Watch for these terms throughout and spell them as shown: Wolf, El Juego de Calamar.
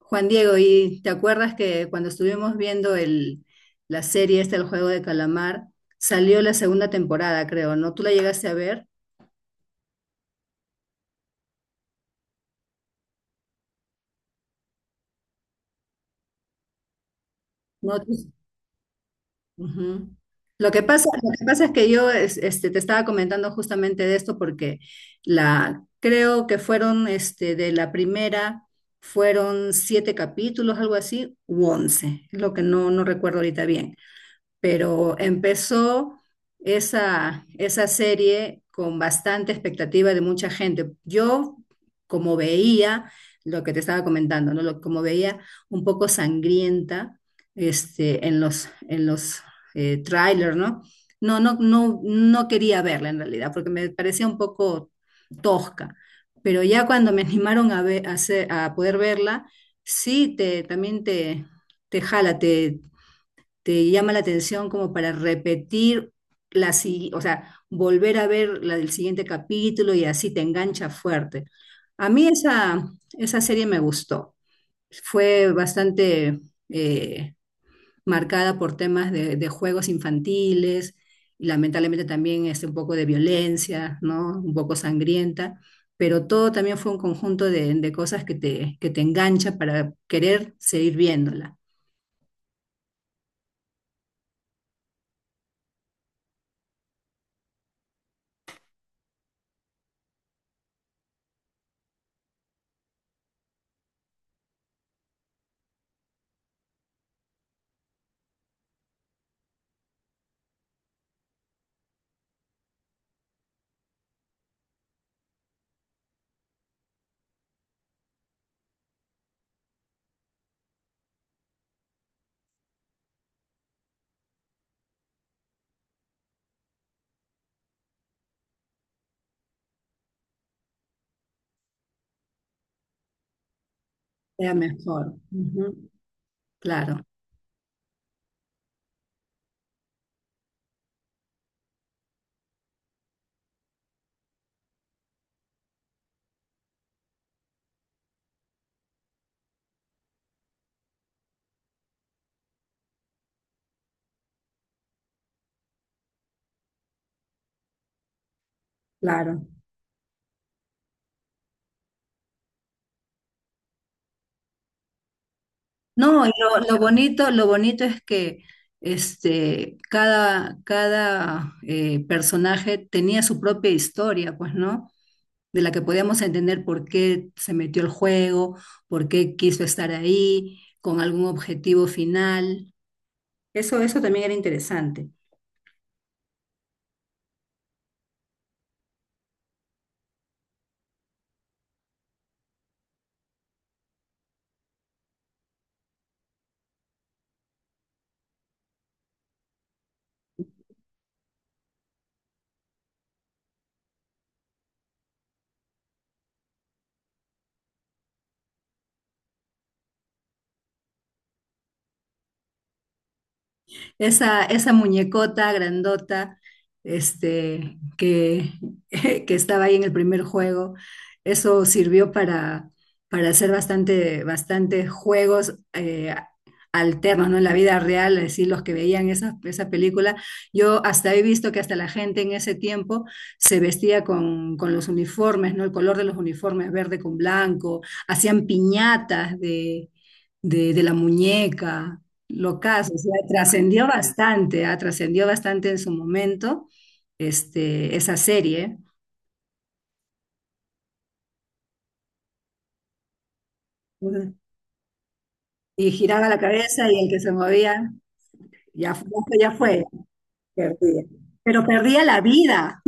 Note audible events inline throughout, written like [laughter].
Juan Diego, ¿y te acuerdas que cuando estuvimos viendo la serie esta, El Juego de Calamar, salió la segunda temporada, creo, ¿no? ¿Tú la llegaste a ver? No, tú- Ujú. Lo que pasa es que te estaba comentando justamente de esto porque creo que fueron de la primera, fueron 7 capítulos, algo así, u 11, es lo que no recuerdo ahorita bien. Pero empezó esa serie con bastante expectativa de mucha gente. Yo, como veía lo que te estaba comentando, ¿no? Como veía un poco sangrienta en en los trailers, ¿no? No quería verla en realidad, porque me parecía un poco tosca. Pero ya cuando me [laughs] animaron a, ve- a, hacer- a poder verla, sí, te jala, te llama la atención como para repetir o sea, volver a ver la del siguiente capítulo, y así te engancha fuerte. A mí esa serie me gustó. Fue bastante eh, marcada por temas de juegos infantiles y lamentablemente también un poco de violencia, ¿no? Un poco sangrienta, pero todo también fue un conjunto de cosas que que te engancha para querer seguir viéndola. Sea mejor. Ujú. Claro. Claro. No, y lo bonito es que cada personaje tenía su propia historia, pues, ¿no? De la que podíamos entender por qué se metió al juego, por qué quiso estar ahí, con algún objetivo final. Eso también era interesante. Esa muñecota grandota este, que, [laughs] que estaba ahí en el primer juego. Eso sirvió para hacer bastante juegos alternos, ¿no? En la vida real, es decir, los que veían esa película. Yo hasta he visto que hasta la gente en ese tiempo se vestía con los uniformes, ¿no? El color de los uniformes, verde con blanco, hacían piñatas de la muñeca. Lo caso, o sea, trascendió bastante, ah, trascendió bastante en su momento esa serie. Ujú. Y giraba la cabeza, y el que se movía, ya fue, ya fue, perdía. Pero perdía la vida.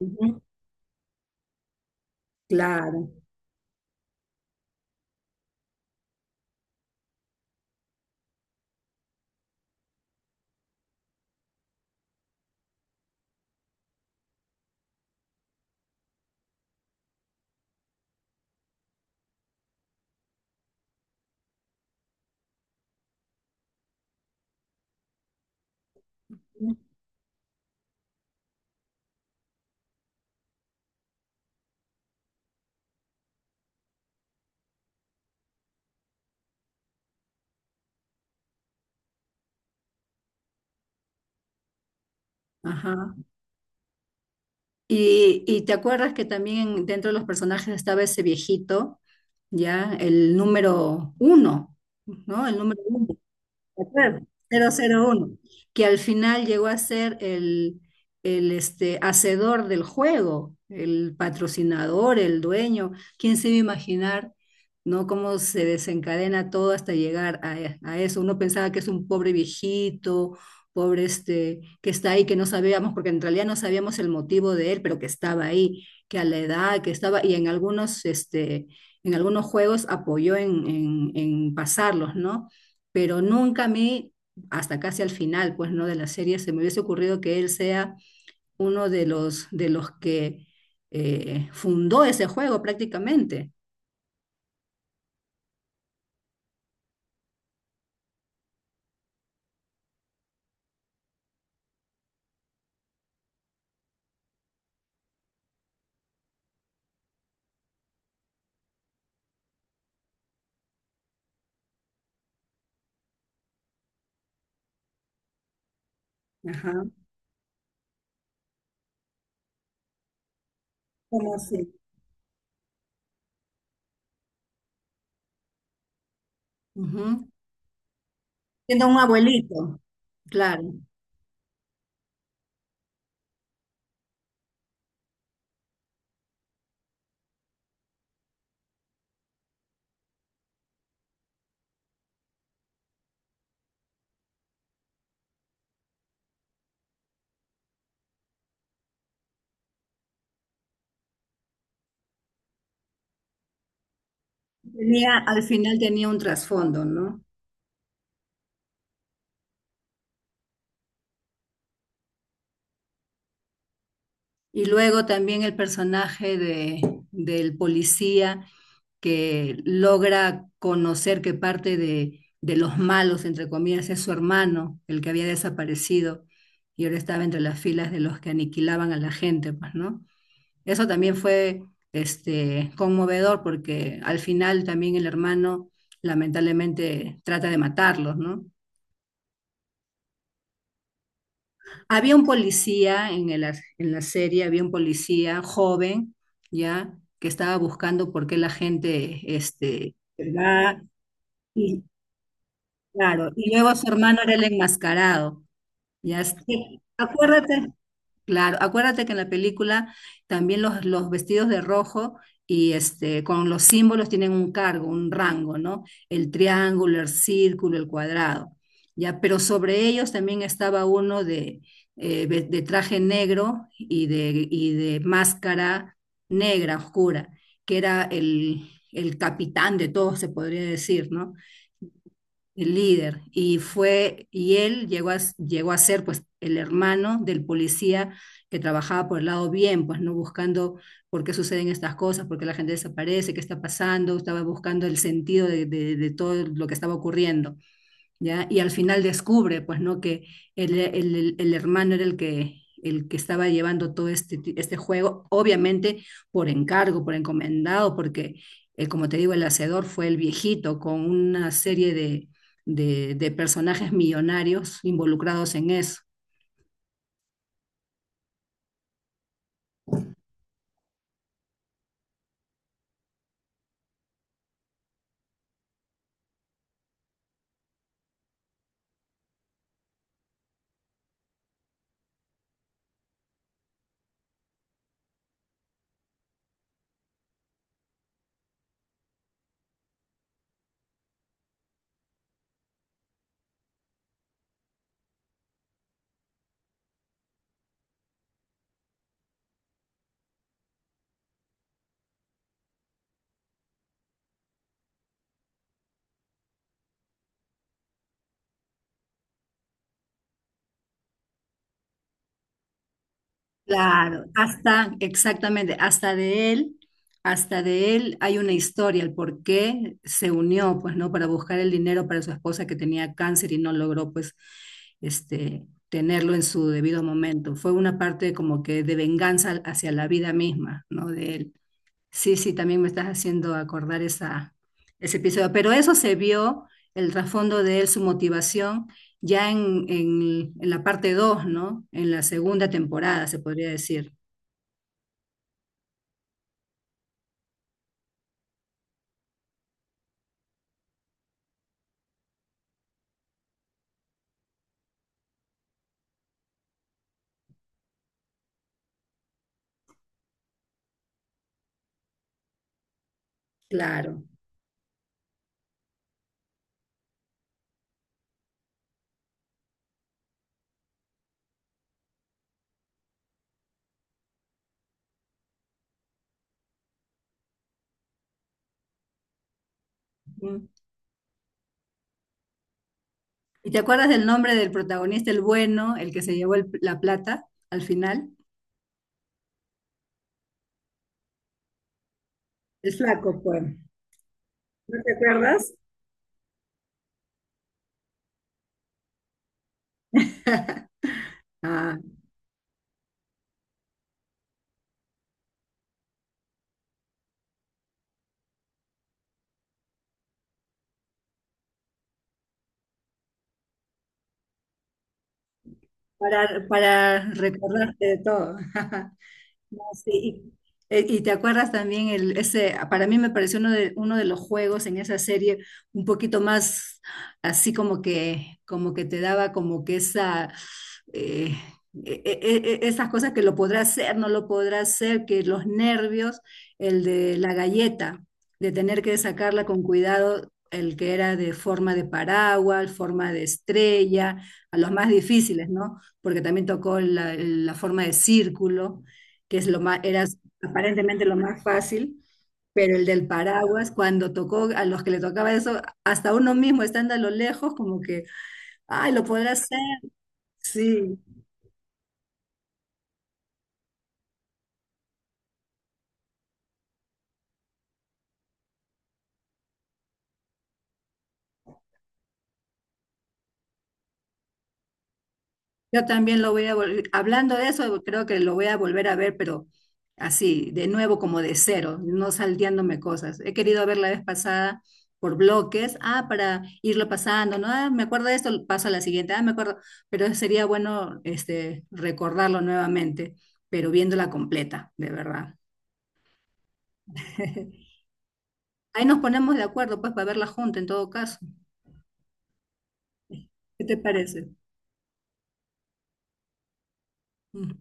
Ujú. Claro. Ajá. Y te acuerdas que también dentro de los personajes estaba ese viejito, ya, el número uno, ¿no? El número uno. ¿Te acuerdas? 001 que al final llegó a ser hacedor del juego, el patrocinador, el dueño. ¿Quién se iba a imaginar, no? Cómo se desencadena todo hasta llegar a eso. Uno pensaba que es un pobre viejito, pobre que está ahí, que no sabíamos, porque en realidad no sabíamos el motivo de él, pero que estaba ahí, que a la edad que estaba, y en algunos, en algunos juegos apoyó en pasarlos, ¿no? Pero nunca a mí, hasta casi al final, pues, ¿no? De la serie, se me hubiese ocurrido que él sea uno de de los que fundó ese juego prácticamente. Ajá. ¿Cómo así? Ujú. Siendo un abuelito. Claro, tenía, al final tenía un trasfondo, ¿no? Y luego también el personaje de, del policía que logra conocer que parte de los malos, entre comillas, es su hermano, el que había desaparecido y ahora estaba entre las filas de los que aniquilaban a la gente, pues, ¿no? Eso también fue conmovedor porque al final también el hermano lamentablemente trata de matarlos, ¿no? Había un policía en la serie, había un policía joven, ¿ya? Que estaba buscando por qué la gente va y, claro, y luego su hermano era el enmascarado. Sí. Acuérdate, claro, acuérdate que en la película también los vestidos de rojo y este con los símbolos tienen un cargo, un rango, ¿no? El triángulo, el círculo, el cuadrado. Ya, pero sobre ellos también estaba uno de traje negro y de máscara negra, oscura, que era el capitán de todos, se podría decir, ¿no? El líder, y fue, y él llegó a, llegó a ser pues el hermano del policía que trabajaba por el lado bien, pues no buscando por qué suceden estas cosas, por qué la gente desaparece, qué está pasando, estaba buscando el sentido de todo lo que estaba ocurriendo. ¿Ya? Y al final descubre, pues, ¿no? Que hermano era el que estaba llevando este juego, obviamente por encargo, por encomendado, porque, como te digo, el hacedor fue el viejito con una serie de personajes millonarios involucrados en eso. Claro, hasta, exactamente, hasta de él hay una historia, el por qué se unió, pues, ¿no? Para buscar el dinero para su esposa que tenía cáncer y no logró, pues, tenerlo en su debido momento. Fue una parte como que de venganza hacia la vida misma, ¿no? De él. Sí, sí, también me estás haciendo acordar ese episodio. Pero eso se vio, el trasfondo de él, su motivación, ya en la parte 2, ¿no? En la segunda temporada, se podría decir. Claro. Mm. ¿Y te acuerdas del nombre del protagonista, el bueno, el que se llevó la plata al final? El flaco, pues. ¿No te acuerdas? [laughs] Ah, para recordarte de todo. [laughs] No, sí. Y te acuerdas también el, ese, para mí me pareció uno de los juegos en esa serie un poquito más así como que te daba como que esa, eh, esas cosas que lo podrá hacer, no lo podrá hacer, que los nervios, el de la galleta, de tener que sacarla con cuidado, el que era de forma de paraguas, forma de estrella, a los más difíciles, ¿no? Porque también tocó la forma de círculo que es lo más, era aparentemente lo más fácil, pero el del paraguas, cuando tocó a los que le tocaba eso, hasta uno mismo estando a lo lejos, como que, ay, lo podrá hacer, sí. Yo también lo voy a volver, hablando de eso, creo que lo voy a volver a ver, pero así, de nuevo, como de cero, no salteándome cosas. He querido ver la vez pasada por bloques, ah, para irlo pasando, ¿no? Ah, me acuerdo de esto, paso a la siguiente, ah, me acuerdo, pero sería bueno recordarlo nuevamente, pero viéndola completa, de verdad. [laughs] Ahí nos ponemos de acuerdo, pues, para verla junta en todo caso. ¿Qué te parece? Mm.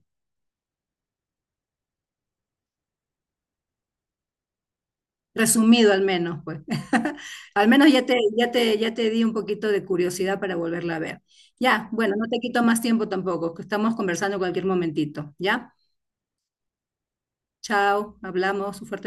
Resumido al menos, pues. [laughs] Al menos ya te di un poquito de curiosidad para volverla a ver. Ya, bueno, no te quito más tiempo tampoco, que estamos conversando cualquier momentito. Ya, chao, hablamos, un fuerte